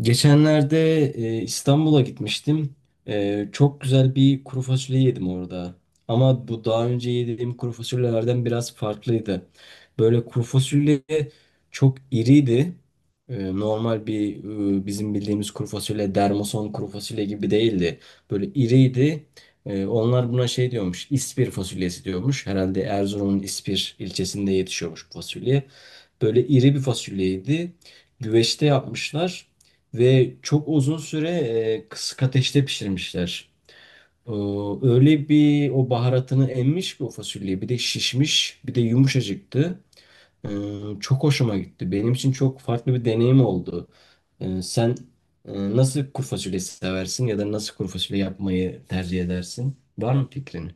Geçenlerde İstanbul'a gitmiştim. Çok güzel bir kuru fasulye yedim orada. Ama bu daha önce yediğim kuru fasulyelerden biraz farklıydı. Böyle kuru fasulye çok iriydi. Normal bir bizim bildiğimiz kuru fasulye, dermason kuru fasulye gibi değildi. Böyle iriydi. Onlar buna şey diyormuş, İspir fasulyesi diyormuş. Herhalde Erzurum'un İspir ilçesinde yetişiyormuş bu fasulye. Böyle iri bir fasulyeydi. Güveçte yapmışlar. Ve çok uzun süre kısık ateşte pişirmişler. Ee, Öyle bir o baharatını emmiş ki o fasulye. Bir de şişmiş, bir de yumuşacıktı. Ee, Çok hoşuma gitti. Benim için çok farklı bir deneyim oldu. Sen e, nasıl kuru fasulye seversin ya da nasıl kuru fasulye yapmayı tercih edersin? Var mı fikrin?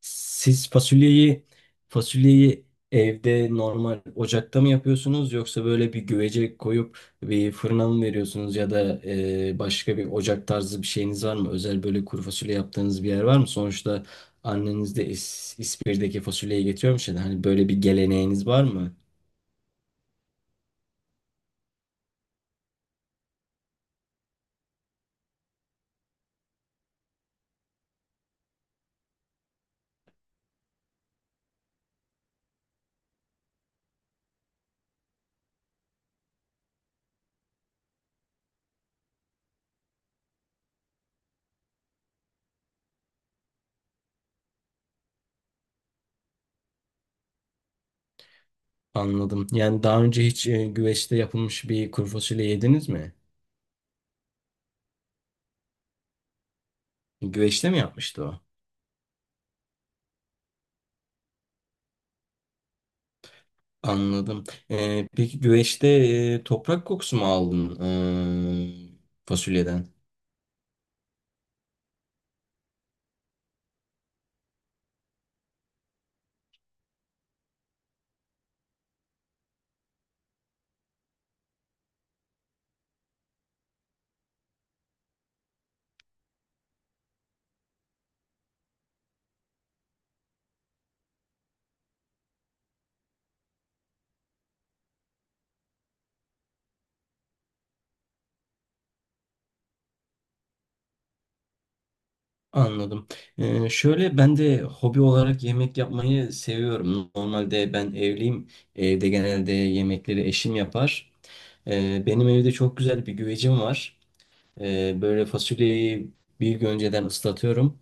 Siz fasulyeyi fasulyeyi evde normal ocakta mı yapıyorsunuz yoksa böyle bir güvece koyup bir fırına mı veriyorsunuz ya da başka bir ocak tarzı bir şeyiniz var mı? Özel böyle kuru fasulye yaptığınız bir yer var mı? Sonuçta anneniz de İspir'deki fasulyeyi getiriyormuş ya da hani böyle bir geleneğiniz var mı? Anladım. Yani daha önce hiç güveçte yapılmış bir kuru fasulye yediniz mi? Güveçte mi yapmıştı o? Anladım. Peki güveçte toprak kokusu mu aldın fasulyeden? Anladım. Şöyle ben de hobi olarak yemek yapmayı seviyorum. Normalde ben evliyim. Evde genelde yemekleri eşim yapar. Benim evde çok güzel bir güvecim var. Böyle fasulyeyi bir gün önceden ıslatıyorum.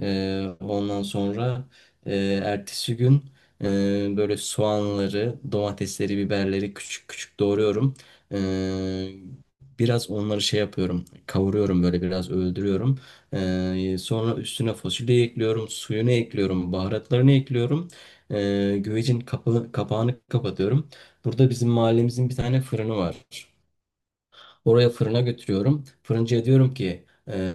Ondan sonra e, ertesi gün böyle soğanları, domatesleri, biberleri küçük küçük doğruyorum. Ee, Biraz onları şey yapıyorum, kavuruyorum böyle biraz öldürüyorum. Sonra üstüne fasulyeyi ekliyorum, suyunu ekliyorum, baharatlarını ekliyorum. Güvecin kapağını kapatıyorum. Burada bizim mahallemizin bir tane fırını var. Oraya fırına götürüyorum. Fırıncıya diyorum ki e,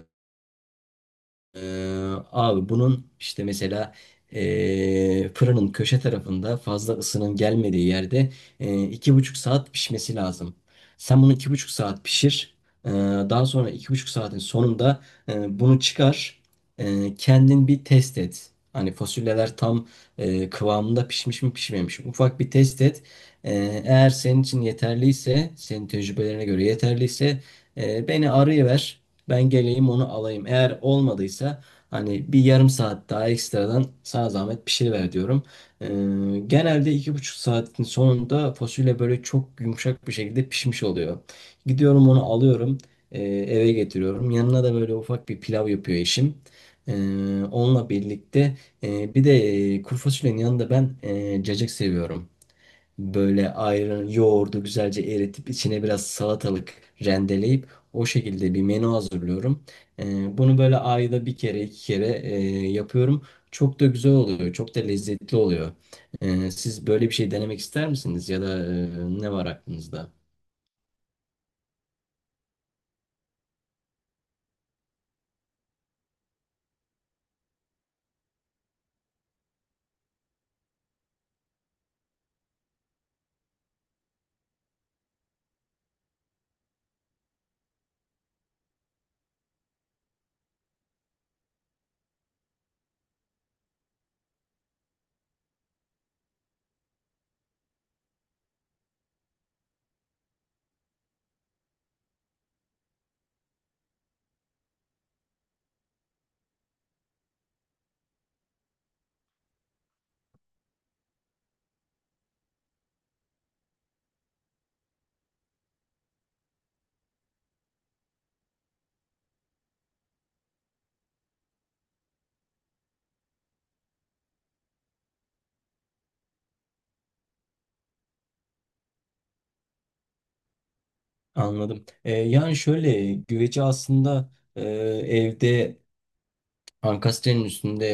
ee, abi bunun işte mesela fırının köşe tarafında fazla ısının gelmediği yerde 2,5 saat pişmesi lazım. Sen bunu 2,5 saat pişir. Ee, Daha sonra 2,5 saatin sonunda bunu çıkar. Kendin bir test et. Hani fasulyeler tam kıvamında pişmiş mi pişmemiş mi? Ufak bir test et. Eğer senin için yeterliyse, senin tecrübelerine göre yeterliyse beni arayıver. Ben geleyim onu alayım. Eğer olmadıysa hani bir yarım saat daha ekstradan sana zahmet pişiriver diyorum. Ee, Genelde 2,5 saatin sonunda fasulye böyle çok yumuşak bir şekilde pişmiş oluyor. Gidiyorum onu alıyorum eve getiriyorum. Yanına da böyle ufak bir pilav yapıyor eşim. Ee, Onunla birlikte bir de kuru fasulyenin yanında ben cacık seviyorum. Böyle ayran, yoğurdu güzelce eritip içine biraz salatalık rendeleyip o şekilde bir menü hazırlıyorum. Bunu böyle ayda bir kere iki kere yapıyorum. Çok da güzel oluyor. Çok da lezzetli oluyor. Siz böyle bir şey denemek ister misiniz? Ya da ne var aklınızda? Anladım. Yani şöyle güveci aslında evde ankastrenin üstünde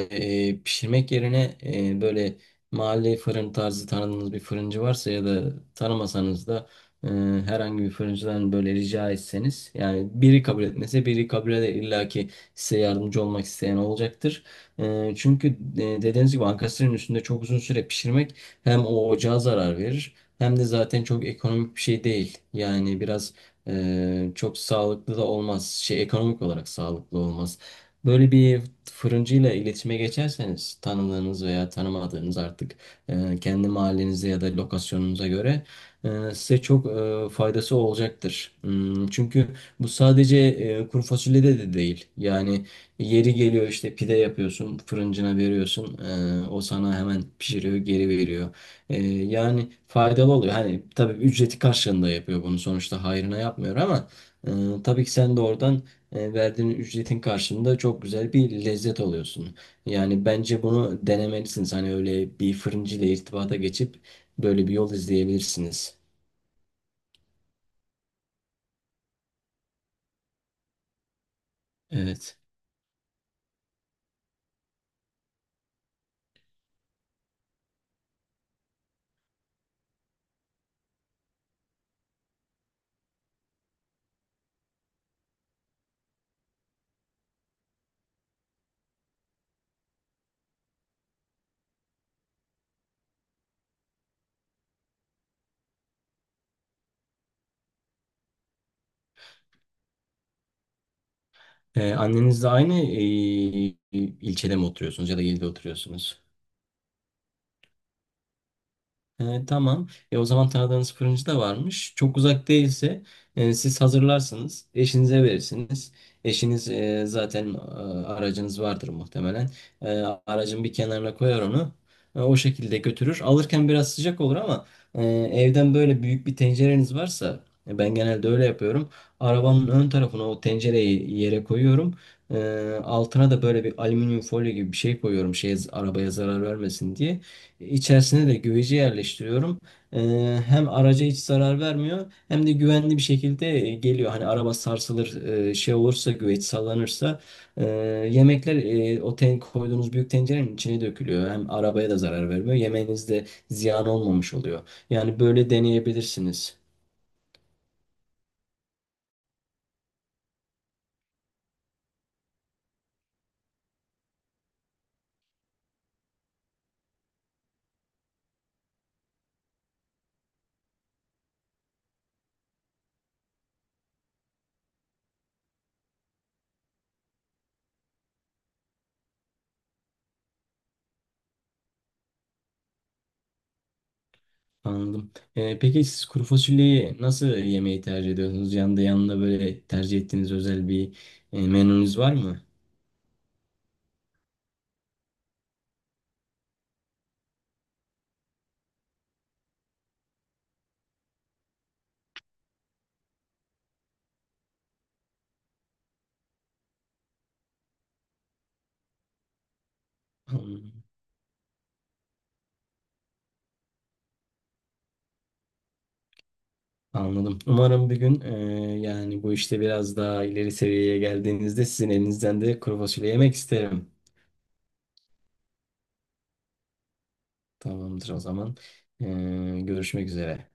pişirmek yerine böyle mahalle fırın tarzı tanıdığınız bir fırıncı varsa ya da tanımasanız da e, herhangi bir fırıncıdan böyle rica etseniz yani biri kabul etmese biri kabul eder illa ki size yardımcı olmak isteyen olacaktır. Çünkü dediğiniz gibi ankastrenin üstünde çok uzun süre pişirmek hem o ocağa zarar verir hem de zaten çok ekonomik bir şey değil. Yani biraz çok sağlıklı da olmaz. Şey, ekonomik olarak sağlıklı olmaz. Böyle bir fırıncıyla iletişime geçerseniz tanıdığınız veya tanımadığınız artık kendi mahallenize ya da lokasyonunuza göre size çok faydası olacaktır. Çünkü bu sadece kuru fasulyede de değil. Yani yeri geliyor işte pide yapıyorsun, fırıncına veriyorsun. O sana hemen pişiriyor, geri veriyor. Yani faydalı oluyor. Hani tabii ücreti karşılığında yapıyor bunu sonuçta hayrına yapmıyor ama e, tabii ki sen de oradan verdiğin ücretin karşılığında çok güzel bir lezzet alıyorsun. Yani bence bunu denemelisiniz. Hani öyle bir fırıncı ile irtibata geçip böyle bir yol izleyebilirsiniz. Evet. Annenizle aynı ilçede mi oturuyorsunuz ya da ilde oturuyorsunuz? Tamam. O zaman tanıdığınız fırıncı da varmış. Çok uzak değilse siz hazırlarsınız. Eşinize verirsiniz. Eşiniz zaten aracınız vardır muhtemelen. E, Aracın bir kenarına koyar onu. O şekilde götürür. Alırken biraz sıcak olur ama e, evden böyle büyük bir tencereniz varsa ben genelde öyle yapıyorum. Arabanın ön tarafına o tencereyi yere koyuyorum. Altına da böyle bir alüminyum folyo gibi bir şey koyuyorum. Şey, arabaya zarar vermesin diye. İçerisine de güveci yerleştiriyorum. Hem araca hiç zarar vermiyor hem de güvenli bir şekilde geliyor. Hani araba sarsılır, şey olursa güveç sallanırsa e, yemekler o ten koyduğunuz büyük tencerenin içine dökülüyor. Hem arabaya da zarar vermiyor. Yemeğiniz de ziyan olmamış oluyor. Yani böyle deneyebilirsiniz. Anladım. Peki siz kuru fasulyeyi nasıl yemeği tercih ediyorsunuz? Yanında böyle tercih ettiğiniz özel bir menünüz var mı? Anladım. Anladım. Umarım bir gün yani bu işte biraz daha ileri seviyeye geldiğinizde sizin elinizden de kuru fasulye yemek isterim. Tamamdır o zaman. Görüşmek üzere.